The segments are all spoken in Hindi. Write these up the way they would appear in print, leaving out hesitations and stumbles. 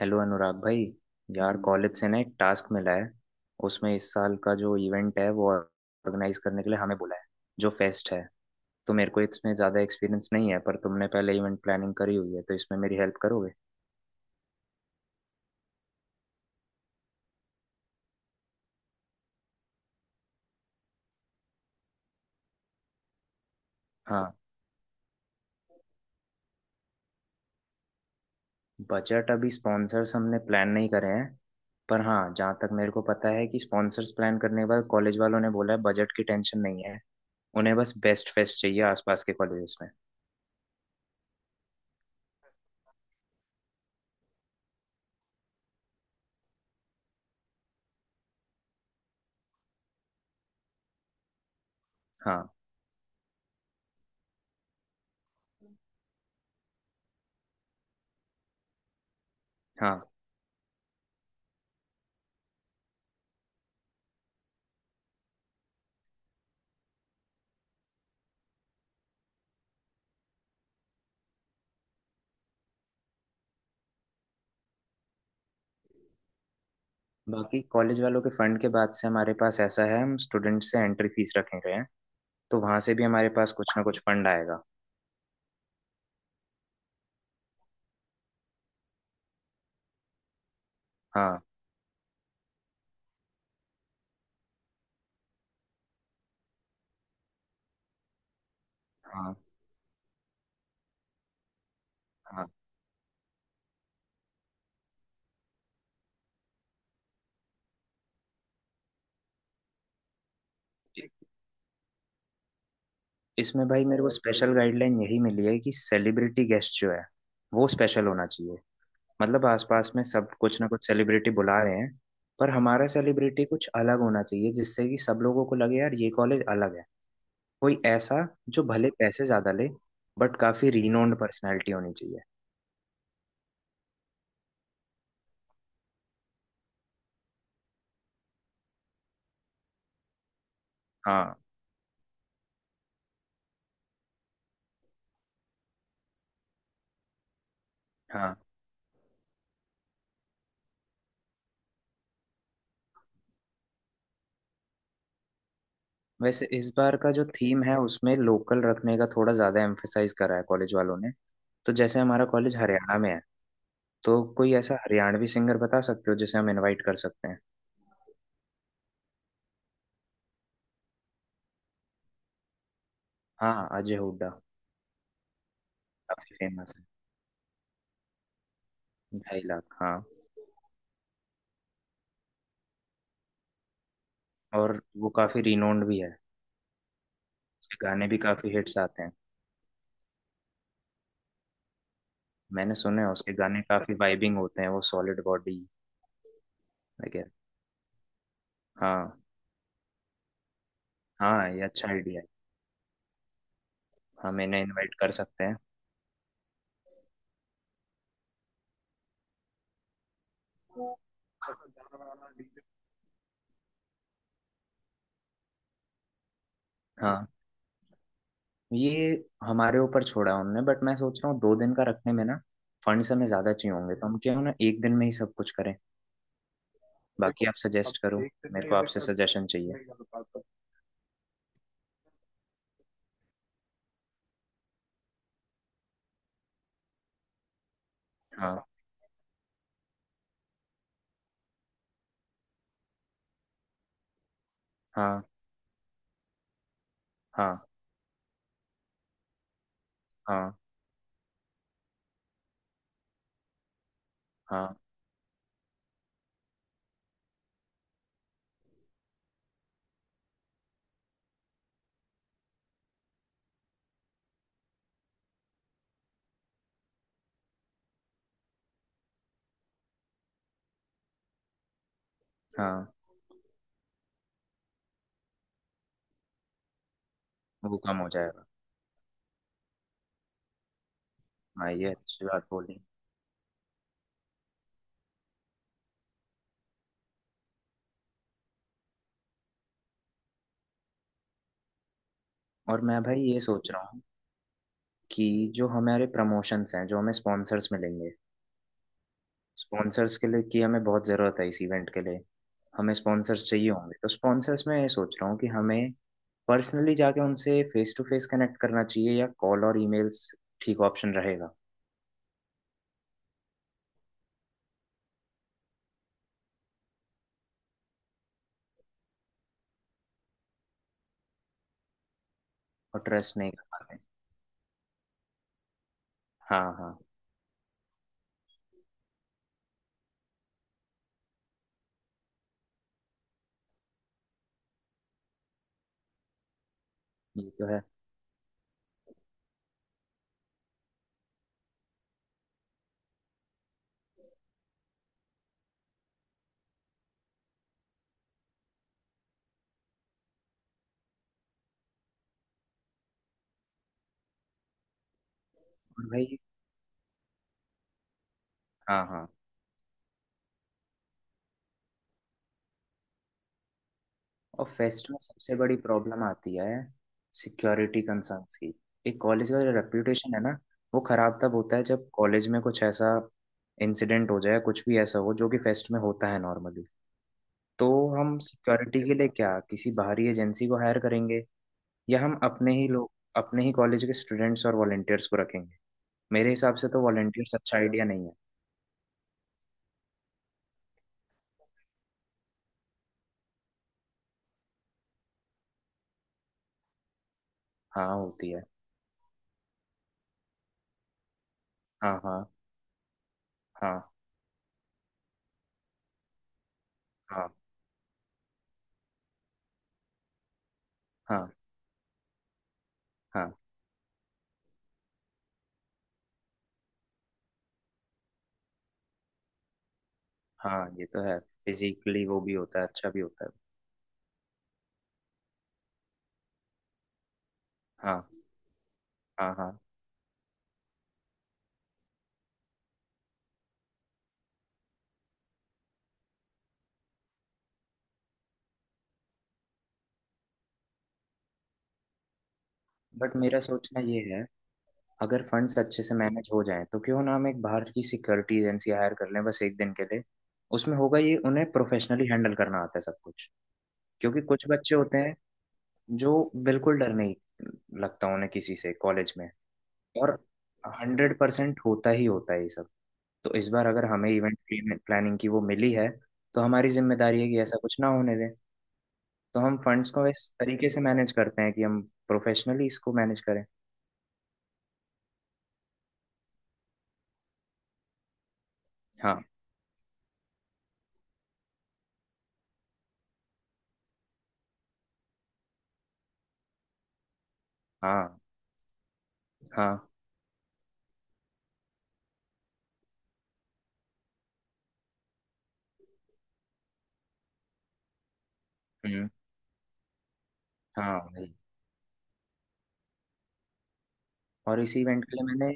हेलो अनुराग भाई। यार कॉलेज से ना एक टास्क मिला है। उसमें इस साल का जो इवेंट है वो ऑर्गेनाइज करने के लिए हमें बुलाया है। जो फेस्ट है। तो मेरे को इसमें ज़्यादा एक्सपीरियंस नहीं है, पर तुमने पहले इवेंट प्लानिंग करी हुई है, तो इसमें मेरी हेल्प करोगे? हाँ। बजट अभी स्पॉन्सर्स हमने प्लान नहीं करे हैं, पर हाँ, जहाँ तक मेरे को पता है कि स्पॉन्सर्स प्लान करने के बाद कॉलेज वालों ने बोला है बजट की टेंशन नहीं है। उन्हें बस बेस्ट फेस्ट चाहिए आसपास के कॉलेजेस में। हाँ। हाँ। बाकी कॉलेज वालों के फंड के बाद से हमारे पास ऐसा है हम स्टूडेंट से एंट्री फीस रखे गए हैं। तो वहां से भी हमारे पास कुछ ना कुछ फंड आएगा। हाँ। हाँ। हाँ। इसमें भाई मेरे को स्पेशल गाइडलाइन यही मिली है कि सेलिब्रिटी गेस्ट जो है वो स्पेशल होना चाहिए। मतलब आसपास में सब कुछ ना कुछ सेलिब्रिटी बुला रहे हैं। पर हमारा सेलिब्रिटी कुछ अलग होना चाहिए जिससे कि सब लोगों को लगे यार ये कॉलेज अलग है। कोई ऐसा जो भले पैसे ज्यादा ले, बट काफी रिनोन्ड पर्सनैलिटी होनी चाहिए। हाँ। हाँ। वैसे इस बार का जो थीम है उसमें लोकल रखने का थोड़ा ज्यादा एम्फेसाइज करा है कॉलेज वालों ने। तो जैसे हमारा कॉलेज हरियाणा में है, तो कोई ऐसा हरियाणवी सिंगर बता सकते हो जिसे हम इनवाइट कर सकते हैं? हाँ, अजय हुड्डा काफी फेमस है। 2.5 लाख, हाँ। और वो काफी रिनोन्ड भी है। उसके गाने भी काफी हिट्स आते हैं। मैंने सुने हैं उसके गाने काफी वाइबिंग होते हैं, वो सॉलिड बॉडी वगैरह। हाँ। हाँ, ये अच्छा आइडिया है। हम इन्हें इनवाइट कर सकते हैं। हाँ। ये हमारे ऊपर छोड़ा है उनने, बट मैं सोच रहा हूँ दो दिन का रखने में ना फंड्स हमें ज्यादा चाहिए होंगे, तो हम क्यों ना एक दिन में ही सब कुछ करें। बाकी आप अब सजेस्ट करो। मेरे को आपसे सजेशन चाहिए। हाँ। हाँ। हाँ। हाँ। हाँ। हाँ। वो कम हो जाएगा। हाँ, ये अच्छी बात बोली। और मैं भाई ये सोच रहा हूँ कि जो हमारे प्रमोशंस हैं, जो हमें स्पॉन्सर्स मिलेंगे, स्पॉन्सर्स के लिए की हमें बहुत ज़रूरत है इस इवेंट के लिए। हमें स्पॉन्सर्स चाहिए होंगे, तो स्पॉन्सर्स में ये सोच रहा हूँ कि हमें पर्सनली जाके उनसे फेस टू फेस कनेक्ट करना चाहिए या कॉल और ईमेल्स ठीक ऑप्शन रहेगा। और ट्रस्ट नहीं कर पाते। हाँ, हाँ, ये तो है। और भाई, हाँ हाँ, और फेस्ट में सबसे बड़ी प्रॉब्लम आती है सिक्योरिटी कंसर्न्स की। एक कॉलेज का जो रेप्यूटेशन है ना, वो खराब तब होता है जब कॉलेज में कुछ ऐसा इंसिडेंट हो जाए, कुछ भी ऐसा हो जो कि फेस्ट में होता है नॉर्मली। तो हम सिक्योरिटी के लिए क्या किसी बाहरी एजेंसी को हायर करेंगे, या हम अपने ही लोग, अपने ही कॉलेज के स्टूडेंट्स और वॉलेंटियर्स को रखेंगे? मेरे हिसाब से तो वॉलंटियर्स अच्छा आइडिया नहीं है। हाँ, होती है। हाँ। हाँ। हाँ। हाँ। हाँ। हाँ। हाँ, ये तो है। फिजिकली वो भी होता है, अच्छा भी होता है। हाँ। हाँ। हाँ। बट मेरा सोचना ये है, अगर फंड्स अच्छे से मैनेज हो जाएं तो क्यों ना हम एक बाहर की सिक्योरिटी एजेंसी हायर कर लें बस एक दिन के लिए। उसमें होगा ये, उन्हें प्रोफेशनली हैंडल करना आता है सब कुछ। क्योंकि कुछ बच्चे होते हैं जो बिल्कुल डर नहीं लगता उन्हें किसी से कॉलेज में। और 100% होता ही होता है ये सब। तो इस बार अगर हमें इवेंट प्लानिंग की वो मिली है, तो हमारी जिम्मेदारी है कि ऐसा कुछ ना होने दें। तो हम फंड्स को इस तरीके से मैनेज करते हैं कि हम प्रोफेशनली इसको मैनेज करें। हाँ। हाँ। हाँ। हम्म। हाँ, वही। और इसी इवेंट के लिए मैंने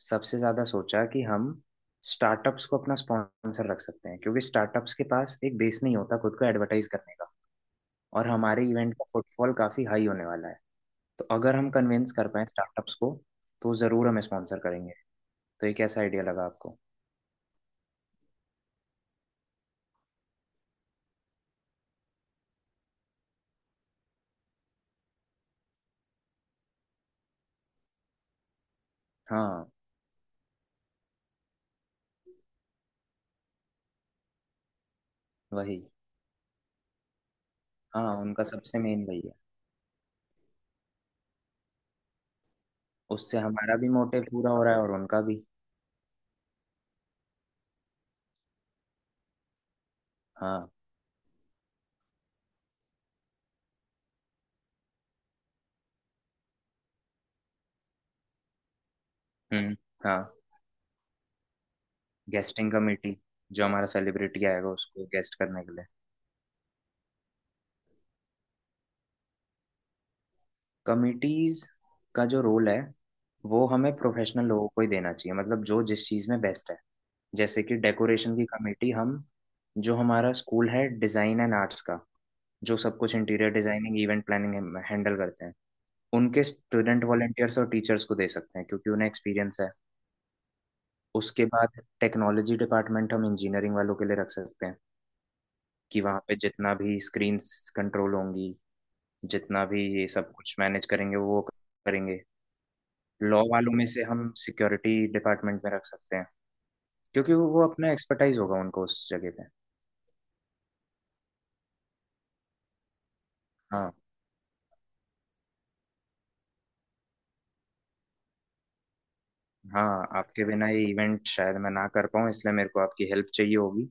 सबसे ज़्यादा सोचा कि हम स्टार्टअप्स को अपना स्पॉन्सर रख सकते हैं, क्योंकि स्टार्टअप्स के पास एक बेस नहीं होता खुद को एडवर्टाइज करने का। और हमारे इवेंट का फुटफॉल काफ़ी हाई होने वाला है। तो अगर हम कन्विंस कर पाए स्टार्टअप्स को, तो ज़रूर हमें स्पॉन्सर करेंगे। तो ये कैसा आइडिया लगा आपको? हाँ, वही। हाँ, उनका सबसे मेन वही है। उससे हमारा भी मोटिव पूरा हो रहा है और उनका भी। हाँ। हम्म। हाँ। गेस्टिंग कमेटी, जो हमारा सेलिब्रिटी आएगा उसको गेस्ट करने के लिए। कमिटीज का जो रोल है वो हमें प्रोफेशनल लोगों को ही देना चाहिए, मतलब जो जिस चीज़ में बेस्ट है। जैसे कि डेकोरेशन की कमेटी हम, जो हमारा स्कूल है डिज़ाइन एंड आर्ट्स का, जो सब कुछ interior designing event planning handle करते हैं, उनके स्टूडेंट वॉलेंटियर्स और टीचर्स को दे सकते हैं, क्योंकि उन्हें एक्सपीरियंस है। उसके बाद टेक्नोलॉजी डिपार्टमेंट हम इंजीनियरिंग वालों के लिए रख सकते हैं, कि वहाँ पे जितना भी स्क्रीन्स कंट्रोल होंगी, जितना भी ये सब कुछ मैनेज करेंगे वो करेंगे। लॉ वालों में से हम सिक्योरिटी डिपार्टमेंट में रख सकते हैं, क्योंकि वो अपना एक्सपर्टाइज होगा उनको उस जगह पे। हाँ। हाँ, आपके बिना ये इवेंट शायद मैं ना कर पाऊँ, इसलिए मेरे को आपकी हेल्प चाहिए होगी।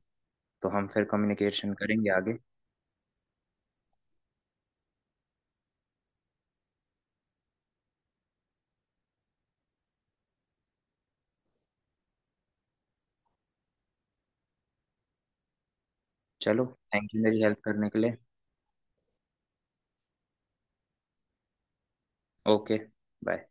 तो हम फिर कम्युनिकेशन करेंगे आगे। चलो, थैंक यू मेरी हेल्प करने के लिए। Okay, bye.